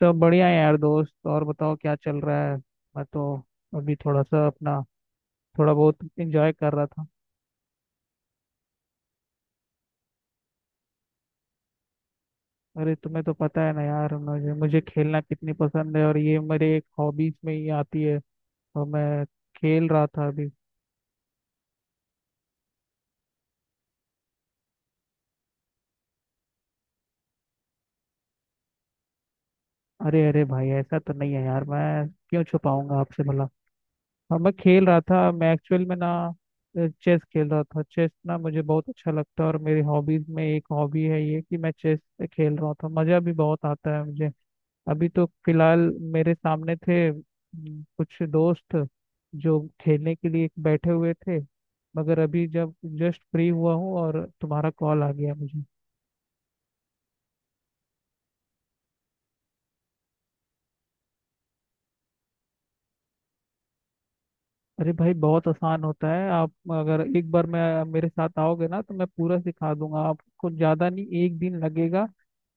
सब बढ़िया है यार दोस्त। और बताओ क्या चल रहा है। मैं तो अभी थोड़ा सा अपना थोड़ा बहुत एंजॉय कर रहा था। अरे तुम्हें तो पता है ना यार मुझे मुझे खेलना कितनी पसंद है, और ये मेरे एक हॉबीज में ही आती है, और मैं खेल रहा था अभी। अरे अरे भाई ऐसा तो नहीं है यार, मैं क्यों छुपाऊंगा आपसे भला। हाँ, मैं खेल रहा था। मैं एक्चुअल में ना चेस खेल रहा था। चेस ना मुझे बहुत अच्छा लगता है, और मेरी हॉबीज में एक हॉबी है ये कि मैं चेस खेल रहा था। मज़ा भी बहुत आता है मुझे। अभी तो फिलहाल मेरे सामने थे कुछ दोस्त जो खेलने के लिए बैठे हुए थे, मगर अभी जब जस्ट फ्री हुआ हूँ और तुम्हारा कॉल आ गया मुझे। अरे भाई बहुत आसान होता है। आप अगर एक बार मैं मेरे साथ आओगे ना, तो मैं पूरा सिखा दूंगा आपको। ज़्यादा नहीं, एक दिन लगेगा,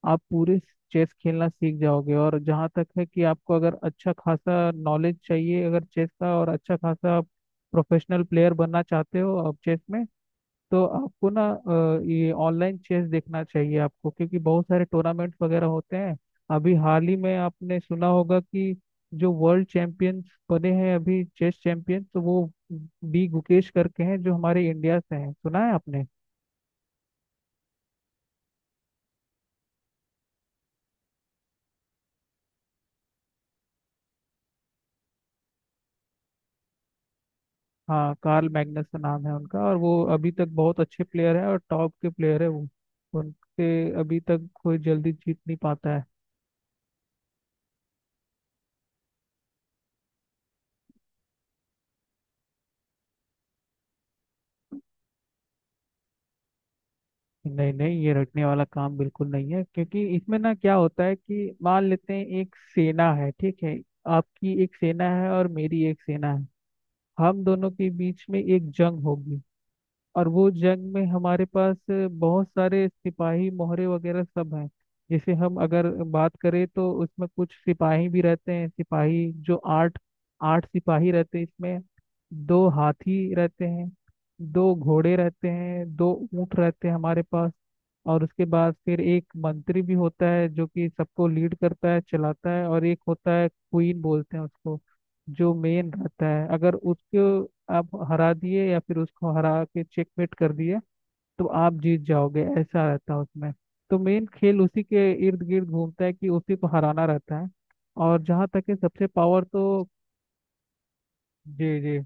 आप पूरे चेस खेलना सीख जाओगे। और जहाँ तक है कि आपको अगर अच्छा खासा नॉलेज चाहिए अगर चेस का, और अच्छा खासा प्रोफेशनल प्लेयर बनना चाहते हो आप चेस में, तो आपको ना ये ऑनलाइन चेस देखना चाहिए आपको, क्योंकि बहुत सारे टूर्नामेंट वगैरह होते हैं। अभी हाल ही में आपने सुना होगा कि जो वर्ल्ड चैंपियन बने हैं अभी चेस चैंपियन, तो वो डी गुकेश करके हैं जो हमारे इंडिया से हैं। सुना है आपने। हाँ, कार्ल मैग्नस का नाम है उनका, और वो अभी तक बहुत अच्छे प्लेयर है और टॉप के प्लेयर है वो। उनके अभी तक कोई जल्दी जीत नहीं पाता है। नहीं नहीं, ये रटने वाला काम बिल्कुल नहीं है। क्योंकि इसमें ना क्या होता है कि मान लेते हैं एक सेना है, ठीक है। आपकी एक सेना है और मेरी एक सेना है। हम दोनों के बीच में एक जंग होगी, और वो जंग में हमारे पास बहुत सारे सिपाही मोहरे वगैरह सब हैं। जैसे हम अगर बात करें, तो उसमें कुछ सिपाही भी रहते हैं। सिपाही जो आठ आठ सिपाही रहते हैं इसमें। दो हाथी रहते हैं, दो घोड़े रहते हैं, दो ऊंट रहते हैं हमारे पास। और उसके बाद फिर एक मंत्री भी होता है जो कि सबको लीड करता है, चलाता है। और एक होता है क्वीन बोलते हैं उसको, जो मेन रहता है। अगर उसको आप हरा दिए, या फिर उसको हरा के चेकमेट कर दिए, तो आप जीत जाओगे। ऐसा रहता है उसमें। तो मेन खेल उसी के इर्द गिर्द घूमता है, कि उसी को हराना रहता है। और जहाँ तक है सबसे पावर तो। जी जी,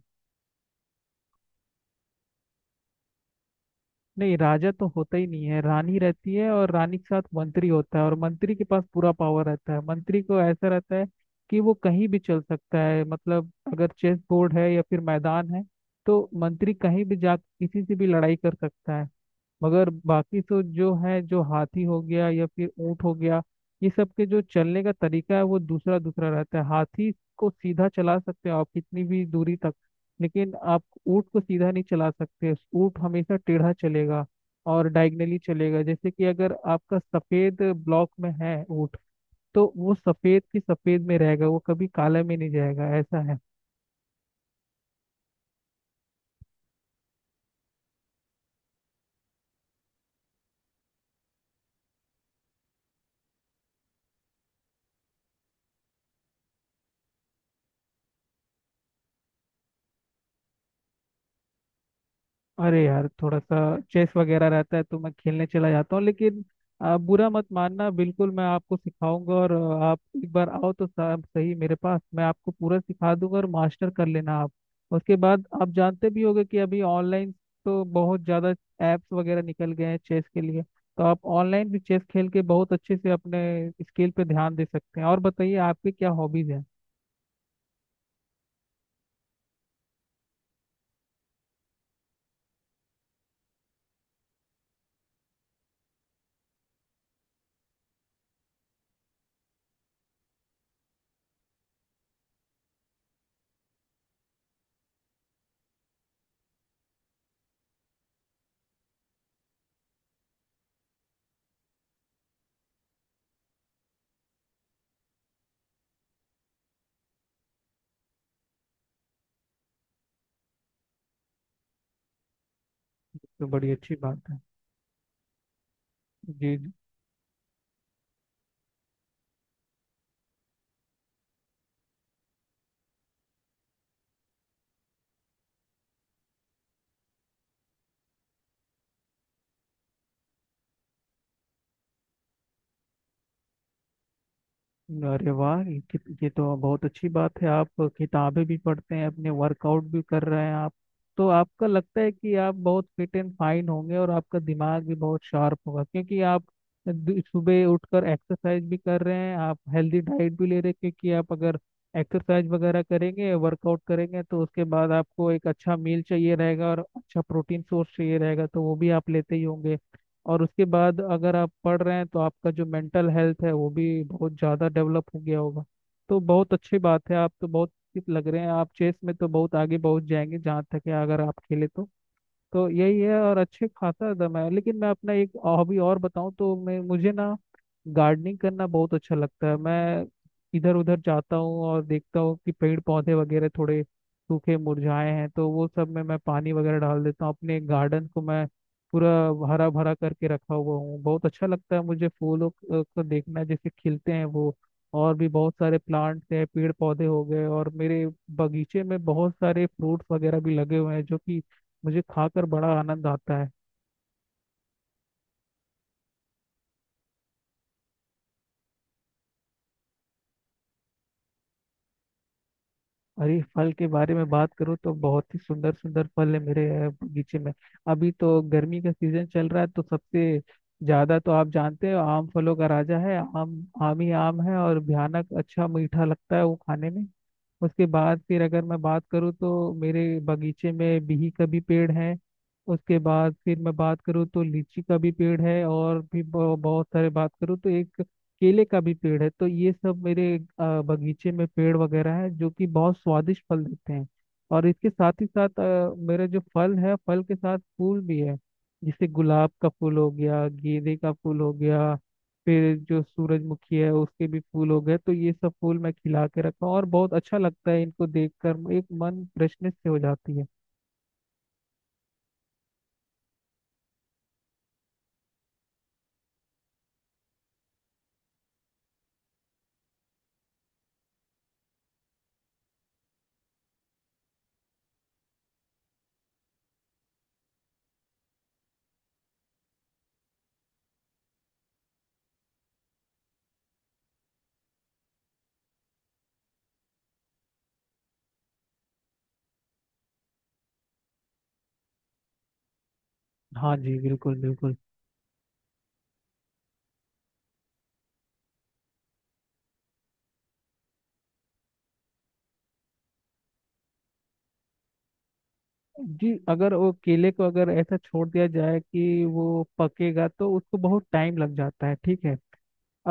नहीं राजा तो होता ही नहीं है। रानी रहती है, और रानी के साथ मंत्री होता है, और मंत्री के पास पूरा पावर रहता है। मंत्री को ऐसा रहता है कि वो कहीं भी चल सकता है। मतलब अगर चेस बोर्ड है या फिर मैदान है, तो मंत्री कहीं भी जा किसी से भी लड़ाई कर सकता है। मगर बाकी तो जो है, जो हाथी हो गया या फिर ऊंट हो गया, ये सब के जो चलने का तरीका है वो दूसरा दूसरा रहता है। हाथी को सीधा चला सकते हो आप कितनी भी दूरी तक, लेकिन आप ऊँट को सीधा नहीं चला सकते। ऊँट हमेशा टेढ़ा चलेगा और डायगनली चलेगा। जैसे कि अगर आपका सफेद ब्लॉक में है ऊँट, तो वो सफेद की सफेद में रहेगा, वो कभी काले में नहीं जाएगा। ऐसा है। अरे यार थोड़ा सा चेस वगैरह रहता है तो मैं खेलने चला जाता हूँ, लेकिन बुरा मत मानना, बिल्कुल मैं आपको सिखाऊंगा। और आप एक बार आओ तो साहब सही मेरे पास, मैं आपको पूरा सिखा दूंगा, और मास्टर कर लेना आप। उसके बाद आप जानते भी होंगे कि अभी ऑनलाइन तो बहुत ज़्यादा ऐप्स वगैरह निकल गए हैं चेस के लिए, तो आप ऑनलाइन भी चेस खेल के बहुत अच्छे से अपने स्किल पे ध्यान दे सकते हैं। और बताइए आपके क्या हॉबीज हैं। तो बड़ी अच्छी बात है। जी। अरे वाह, ये तो बहुत अच्छी बात है। आप किताबें भी पढ़ते हैं, अपने वर्कआउट भी कर रहे हैं आप। तो आपका लगता है कि आप बहुत फिट एंड फाइन होंगे, और आपका दिमाग भी बहुत शार्प होगा, क्योंकि आप सुबह उठकर एक्सरसाइज भी कर रहे हैं, आप हेल्दी डाइट भी ले रहे हैं। क्योंकि आप अगर एक्सरसाइज वगैरह करेंगे, वर्कआउट करेंगे, तो उसके बाद आपको एक अच्छा मील चाहिए रहेगा और अच्छा प्रोटीन सोर्स चाहिए रहेगा, तो वो भी आप लेते ही होंगे। और उसके बाद अगर आप पढ़ रहे हैं, तो आपका जो मेंटल हेल्थ है वो भी बहुत ज़्यादा डेवलप हो गया होगा। तो बहुत अच्छी बात है, आप तो बहुत fit लग रहे हैं। आप चेस में तो बहुत आगे पहुंच जाएंगे जहाँ तक है, अगर आप खेले तो। तो यही है। और अच्छे खाता था मैं। लेकिन मैं अपना एक हॉबी और बताऊं तो मैं, मुझे ना गार्डनिंग करना बहुत अच्छा लगता है। मैं इधर उधर जाता हूँ और देखता हूँ कि पेड़ पौधे वगैरह थोड़े सूखे मुरझाए हैं, तो वो सब में मैं पानी वगैरह डाल देता हूँ। अपने गार्डन को मैं पूरा हरा भरा करके रखा हुआ हूँ। बहुत अच्छा लगता है मुझे फूलों को देखना जैसे खिलते हैं वो। और भी बहुत सारे प्लांट्स हैं, पेड़ पौधे हो गए, और मेरे बगीचे में बहुत सारे फ्रूट्स वगैरह भी लगे हुए हैं जो कि मुझे खाकर बड़ा आनंद आता है। और ये फल के बारे में बात करूँ तो बहुत ही सुंदर सुंदर फल है मेरे बगीचे में। अभी तो गर्मी का सीजन चल रहा है, तो सबसे ज्यादा तो आप जानते हो आम फलों का राजा है। आम आम ही आम है, और भयानक अच्छा मीठा लगता है वो खाने में। उसके बाद फिर अगर मैं बात करूँ, तो मेरे बगीचे में बिही का भी पेड़ है। उसके बाद फिर मैं बात करूँ तो लीची का भी पेड़ है। और भी बहुत सारे बात करूँ तो एक केले का भी पेड़ है। तो ये सब मेरे बगीचे में पेड़ वगैरह है जो कि बहुत स्वादिष्ट फल देते हैं। और इसके साथ ही साथ मेरे जो फल है, फल के साथ फूल भी है। जैसे गुलाब का फूल हो गया, गेंदे का फूल हो गया, फिर जो सूरजमुखी है उसके भी फूल हो गए। तो ये सब फूल मैं खिला के रखा हूँ, और बहुत अच्छा लगता है इनको देखकर, एक मन फ्रेशनेस से हो जाती है। हाँ जी, बिल्कुल बिल्कुल। जी, अगर वो केले को अगर ऐसा छोड़ दिया जाए कि वो पकेगा, तो उसको बहुत टाइम लग जाता है, ठीक है।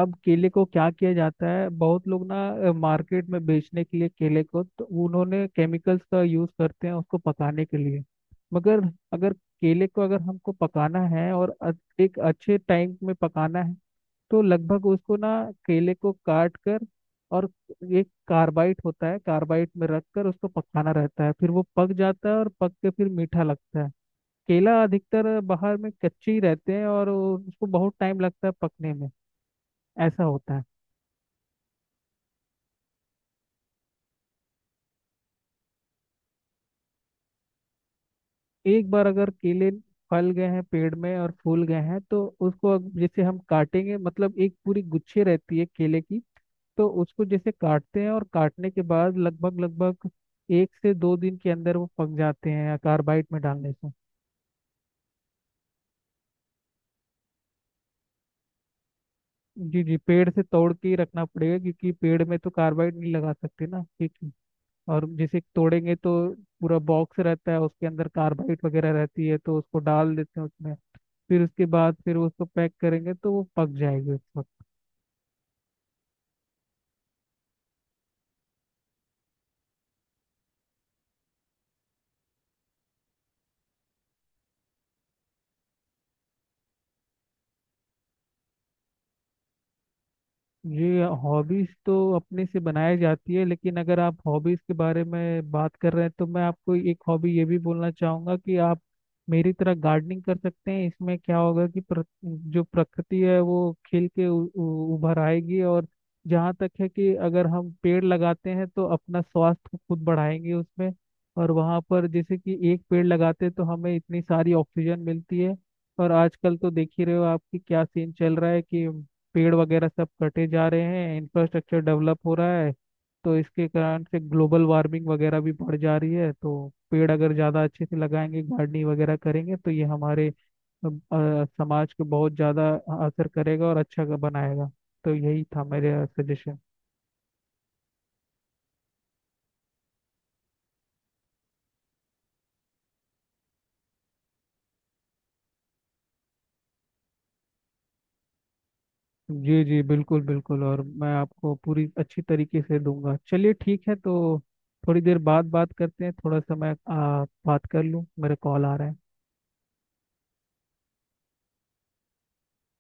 अब केले को क्या किया जाता है, बहुत लोग ना मार्केट में बेचने के लिए केले को, तो उन्होंने केमिकल्स का यूज करते हैं उसको पकाने के लिए। मगर अगर केले को अगर हमको पकाना है, और एक अच्छे टाइम में पकाना है, तो लगभग उसको ना केले को काट कर, और एक कार्बाइट होता है, कार्बाइट में रख कर उसको पकाना रहता है। फिर वो पक जाता है और पक के फिर मीठा लगता है। केला अधिकतर बाहर में कच्चे ही रहते हैं, और उसको बहुत टाइम लगता है पकने में, ऐसा होता है। एक बार अगर केले फल गए हैं पेड़ में और फूल गए हैं, तो उसको जैसे हम काटेंगे, मतलब एक पूरी गुच्छे रहती है केले की, तो उसको जैसे काटते हैं, और काटने के बाद लगभग लगभग एक से दो दिन के अंदर वो पक जाते हैं कार्बाइड में डालने से। जी जी, पेड़ से तोड़ के ही रखना पड़ेगा, क्योंकि पेड़ में तो कार्बाइड नहीं लगा सकते ना, ठीक है। और जैसे तोड़ेंगे, तो पूरा बॉक्स रहता है, उसके अंदर कार्बाइड वगैरह रहती है, तो उसको डाल देते हैं उसमें। फिर उसके बाद फिर उसको पैक करेंगे, तो वो पक जाएगी उस वक्त। जी, हॉबीज तो अपने से बनाई जाती है, लेकिन अगर आप हॉबीज के बारे में बात कर रहे हैं, तो मैं आपको एक हॉबी ये भी बोलना चाहूंगा कि आप मेरी तरह गार्डनिंग कर सकते हैं। इसमें क्या होगा कि जो प्रकृति है वो खिल के उ, उ, उभर आएगी। और जहाँ तक है कि अगर हम पेड़ लगाते हैं, तो अपना स्वास्थ्य को खुद बढ़ाएंगे उसमें। और वहाँ पर जैसे कि एक पेड़ लगाते हैं, तो हमें इतनी सारी ऑक्सीजन मिलती है। और आजकल तो देख ही रहे हो आपकी क्या सीन चल रहा है कि पेड़ वगैरह सब कटे जा रहे हैं, इंफ्रास्ट्रक्चर डेवलप हो रहा है, तो इसके कारण से ग्लोबल वार्मिंग वगैरह भी बढ़ जा रही है। तो पेड़ अगर ज़्यादा अच्छे से लगाएंगे, गार्डनिंग वगैरह करेंगे, तो ये हमारे समाज को बहुत ज़्यादा असर करेगा और अच्छा बनाएगा। तो यही था मेरा सजेशन। जी जी, बिल्कुल बिल्कुल, और मैं आपको पूरी अच्छी तरीके से दूंगा। चलिए ठीक है तो थोड़ी देर बाद बात करते हैं, थोड़ा सा मैं बात कर लूँ, मेरा कॉल आ रहा है।